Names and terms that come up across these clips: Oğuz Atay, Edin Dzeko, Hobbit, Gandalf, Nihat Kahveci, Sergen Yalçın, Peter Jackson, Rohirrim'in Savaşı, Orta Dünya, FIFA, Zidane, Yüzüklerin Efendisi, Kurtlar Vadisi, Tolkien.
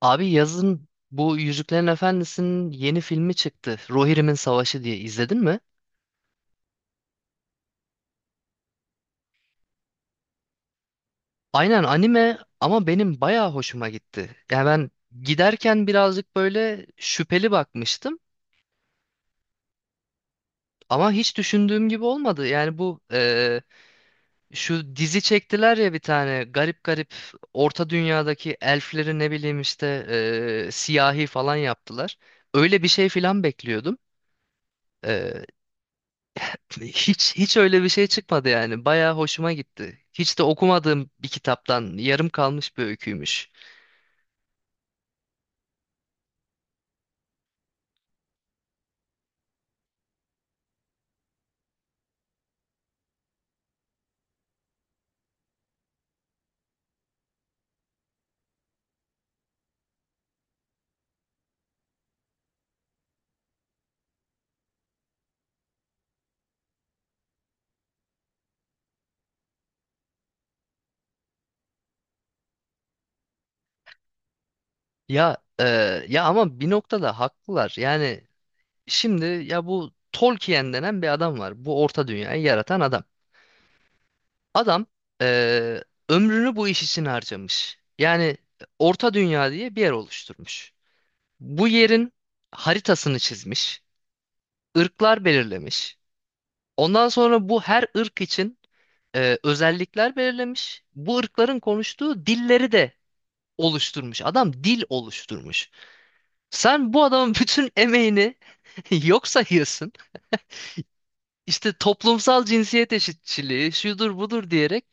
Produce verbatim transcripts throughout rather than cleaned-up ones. Abi yazın bu Yüzüklerin Efendisi'nin yeni filmi çıktı. Rohirrim'in Savaşı diye izledin mi? Aynen anime ama benim bayağı hoşuma gitti. Yani ben giderken birazcık böyle şüpheli bakmıştım ama hiç düşündüğüm gibi olmadı. Yani bu eee, şu dizi çektiler ya bir tane garip garip Orta Dünya'daki elfleri ne bileyim işte eee, siyahi falan yaptılar. Öyle bir şey falan bekliyordum. Hiç hiç öyle bir şey çıkmadı yani. Bayağı hoşuma gitti. Hiç de okumadığım bir kitaptan yarım kalmış bir öyküymüş. Ya e, ya ama bir noktada haklılar. Yani şimdi ya bu Tolkien denen bir adam var. Bu Orta Dünya'yı yaratan adam. Adam e, ömrünü bu iş için harcamış. Yani Orta Dünya diye bir yer oluşturmuş. Bu yerin haritasını çizmiş, ırklar belirlemiş. Ondan sonra bu her ırk için e, özellikler belirlemiş. Bu ırkların konuştuğu dilleri de oluşturmuş. Adam dil oluşturmuş. Sen bu adamın bütün emeğini yok sayıyorsun. İşte toplumsal cinsiyet eşitçiliği şudur budur diyerek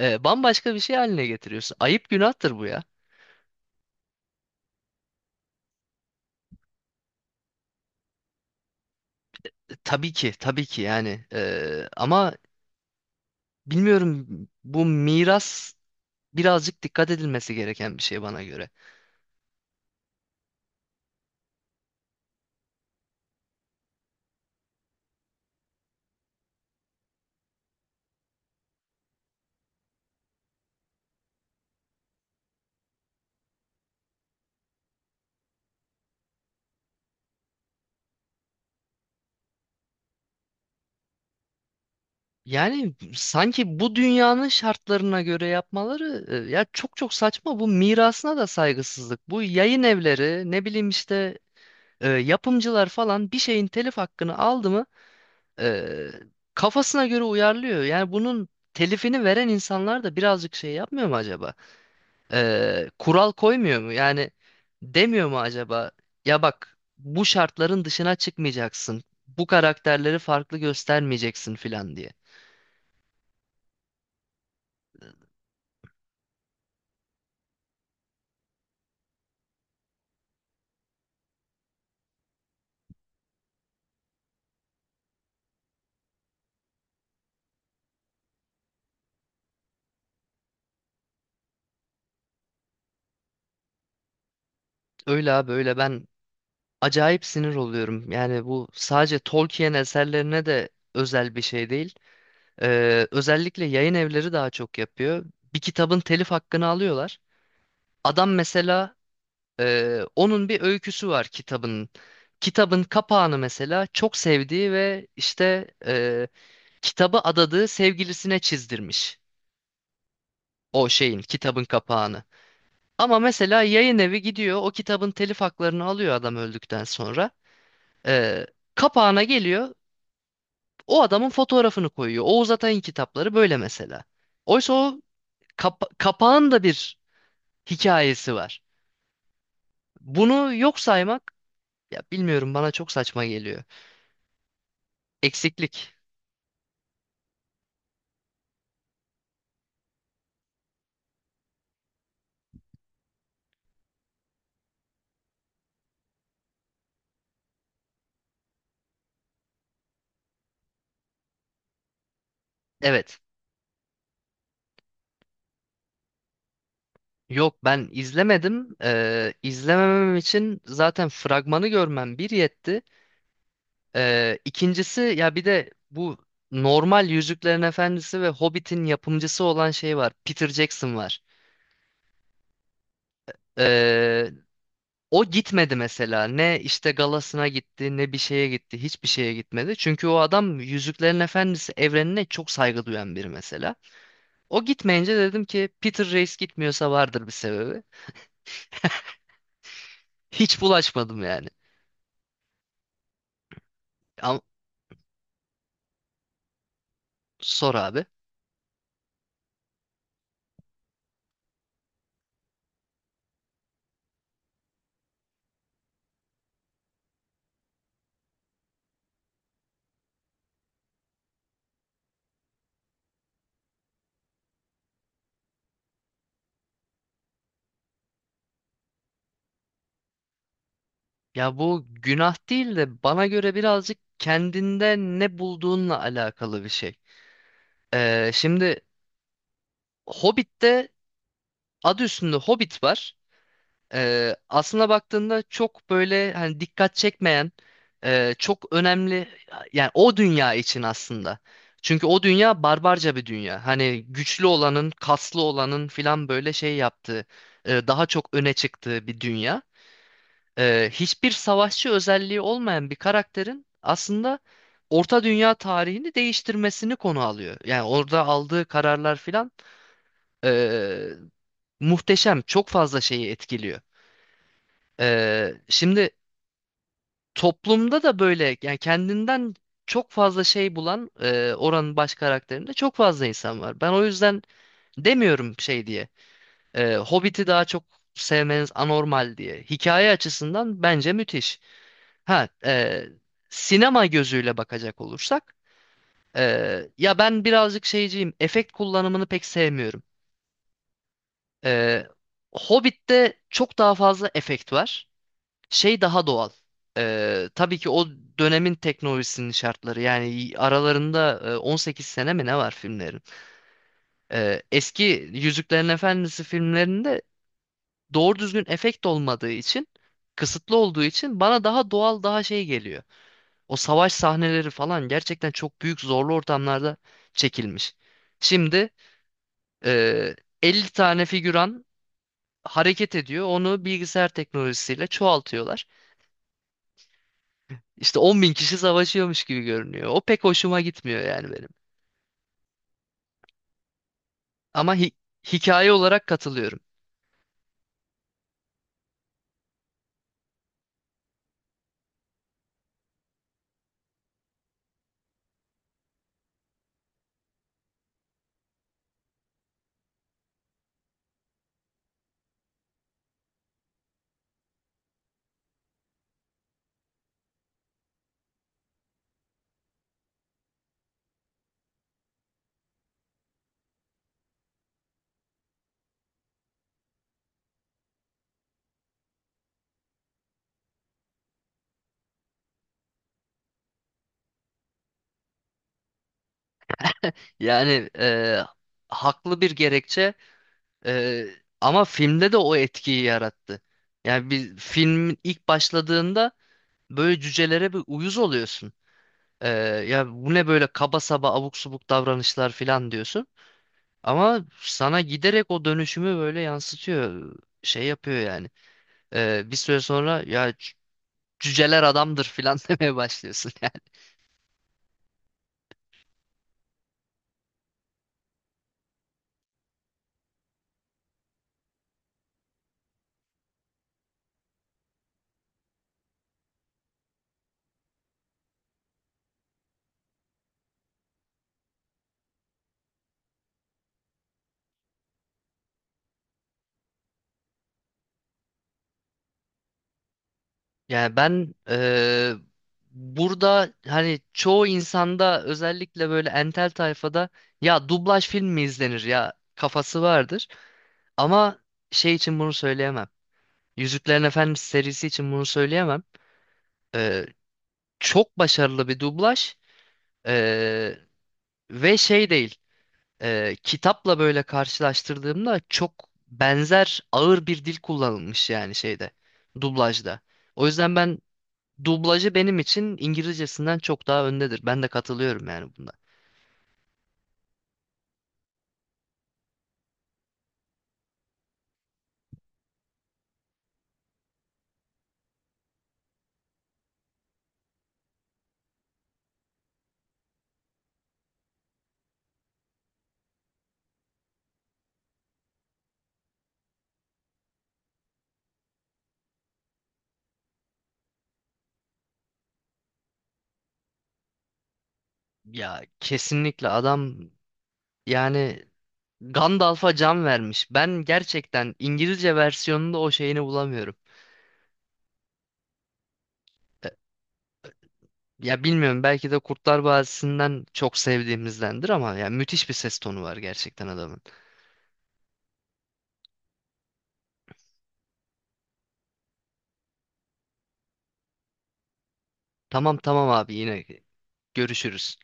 e, bambaşka bir şey haline getiriyorsun. Ayıp günahtır bu ya. E, tabii ki tabii ki yani. E, ama bilmiyorum bu miras birazcık dikkat edilmesi gereken bir şey bana göre. Yani sanki bu dünyanın şartlarına göre yapmaları e, ya çok çok saçma. Bu mirasına da saygısızlık. Bu yayın evleri ne bileyim işte e, yapımcılar falan bir şeyin telif hakkını aldı mı e, kafasına göre uyarlıyor. Yani bunun telifini veren insanlar da birazcık şey yapmıyor mu acaba? E, kural koymuyor mu? Yani demiyor mu acaba? Ya bak bu şartların dışına çıkmayacaksın. Bu karakterleri farklı göstermeyeceksin filan diye. Öyle abi öyle ben acayip sinir oluyorum. Yani bu sadece Tolkien eserlerine de özel bir şey değil. Ee, özellikle yayın evleri daha çok yapıyor. Bir kitabın telif hakkını alıyorlar. Adam mesela e, onun bir öyküsü var kitabın. Kitabın kapağını mesela çok sevdiği ve işte e, kitabı adadığı sevgilisine çizdirmiş. O şeyin kitabın kapağını. Ama mesela yayın evi gidiyor o kitabın telif haklarını alıyor adam öldükten sonra. Ee, kapağına geliyor. O adamın fotoğrafını koyuyor. Oğuz Atay'ın kitapları böyle mesela. Oysa o kapa- kapağın da bir hikayesi var. Bunu yok saymak ya bilmiyorum bana çok saçma geliyor. Eksiklik. Evet. Yok ben izlemedim. Ee, izlememem için zaten fragmanı görmem bir yetti. Ee, ikincisi ya bir de bu normal Yüzüklerin Efendisi ve Hobbit'in yapımcısı olan şey var. Peter Jackson var. Ee, O gitmedi mesela. Ne işte galasına gitti, ne bir şeye gitti, hiçbir şeye gitmedi. Çünkü o adam Yüzüklerin Efendisi evrenine çok saygı duyan biri mesela. O gitmeyince dedim ki Peter Reis gitmiyorsa vardır bir sebebi. Hiç bulaşmadım yani. Ama sor abi. Ya bu günah değil de bana göre birazcık kendinde ne bulduğunla alakalı bir şey. Ee, şimdi Hobbit'te adı üstünde Hobbit var. Ee, aslına baktığında çok böyle hani dikkat çekmeyen e, çok önemli yani o dünya için aslında. Çünkü o dünya barbarca bir dünya. Hani güçlü olanın, kaslı olanın filan böyle şey yaptığı, e, daha çok öne çıktığı bir dünya. Ee, hiçbir savaşçı özelliği olmayan bir karakterin aslında Orta Dünya tarihini değiştirmesini konu alıyor. Yani orada aldığı kararlar filan e, muhteşem, çok fazla şeyi etkiliyor. Ee, şimdi toplumda da böyle yani kendinden çok fazla şey bulan e, oranın baş karakterinde çok fazla insan var. Ben o yüzden demiyorum şey diye. e, Hobbit'i daha çok sevmeniz anormal diye. Hikaye açısından bence müthiş. Ha, e, sinema gözüyle bakacak olursak e, ya ben birazcık şeyciyim. Efekt kullanımını pek sevmiyorum. E, Hobbit'te çok daha fazla efekt var. Şey daha doğal. Ee, tabii ki o dönemin teknolojisinin şartları yani aralarında e, on sekiz sene mi ne var filmlerin? Ee, eski Yüzüklerin Efendisi filmlerinde doğru düzgün efekt olmadığı için kısıtlı olduğu için bana daha doğal daha şey geliyor. O savaş sahneleri falan gerçekten çok büyük zorlu ortamlarda çekilmiş. Şimdi e, elli tane figüran hareket ediyor onu bilgisayar teknolojisiyle çoğaltıyorlar. İşte on bin kişi savaşıyormuş gibi görünüyor. O pek hoşuma gitmiyor yani benim. Ama hi- hikaye olarak katılıyorum. Yani e, haklı bir gerekçe e, ama filmde de o etkiyi yarattı. Yani bir filmin ilk başladığında böyle cücelere bir uyuz oluyorsun. E, ya bu ne böyle kaba saba abuk subuk davranışlar falan diyorsun. Ama sana giderek o dönüşümü böyle yansıtıyor. Şey yapıyor yani. E, bir süre sonra ya cüceler adamdır filan demeye başlıyorsun yani. Yani ben eee, burada hani çoğu insanda özellikle böyle entel tayfada ya dublaj film mi izlenir ya kafası vardır. Ama şey için bunu söyleyemem. Yüzüklerin Efendisi serisi için bunu söyleyemem. Eee, çok başarılı bir dublaj eee, ve şey değil. eee, kitapla böyle karşılaştırdığımda çok benzer ağır bir dil kullanılmış yani şeyde dublajda. O yüzden ben dublajı benim için İngilizcesinden çok daha öndedir. Ben de katılıyorum yani bunda. Ya kesinlikle adam yani Gandalf'a can vermiş. Ben gerçekten İngilizce versiyonunda o şeyini bulamıyorum. E, Ya bilmiyorum belki de Kurtlar Vadisi'nden çok sevdiğimizdendir ama ya müthiş bir ses tonu var gerçekten adamın. Tamam tamam abi yine görüşürüz.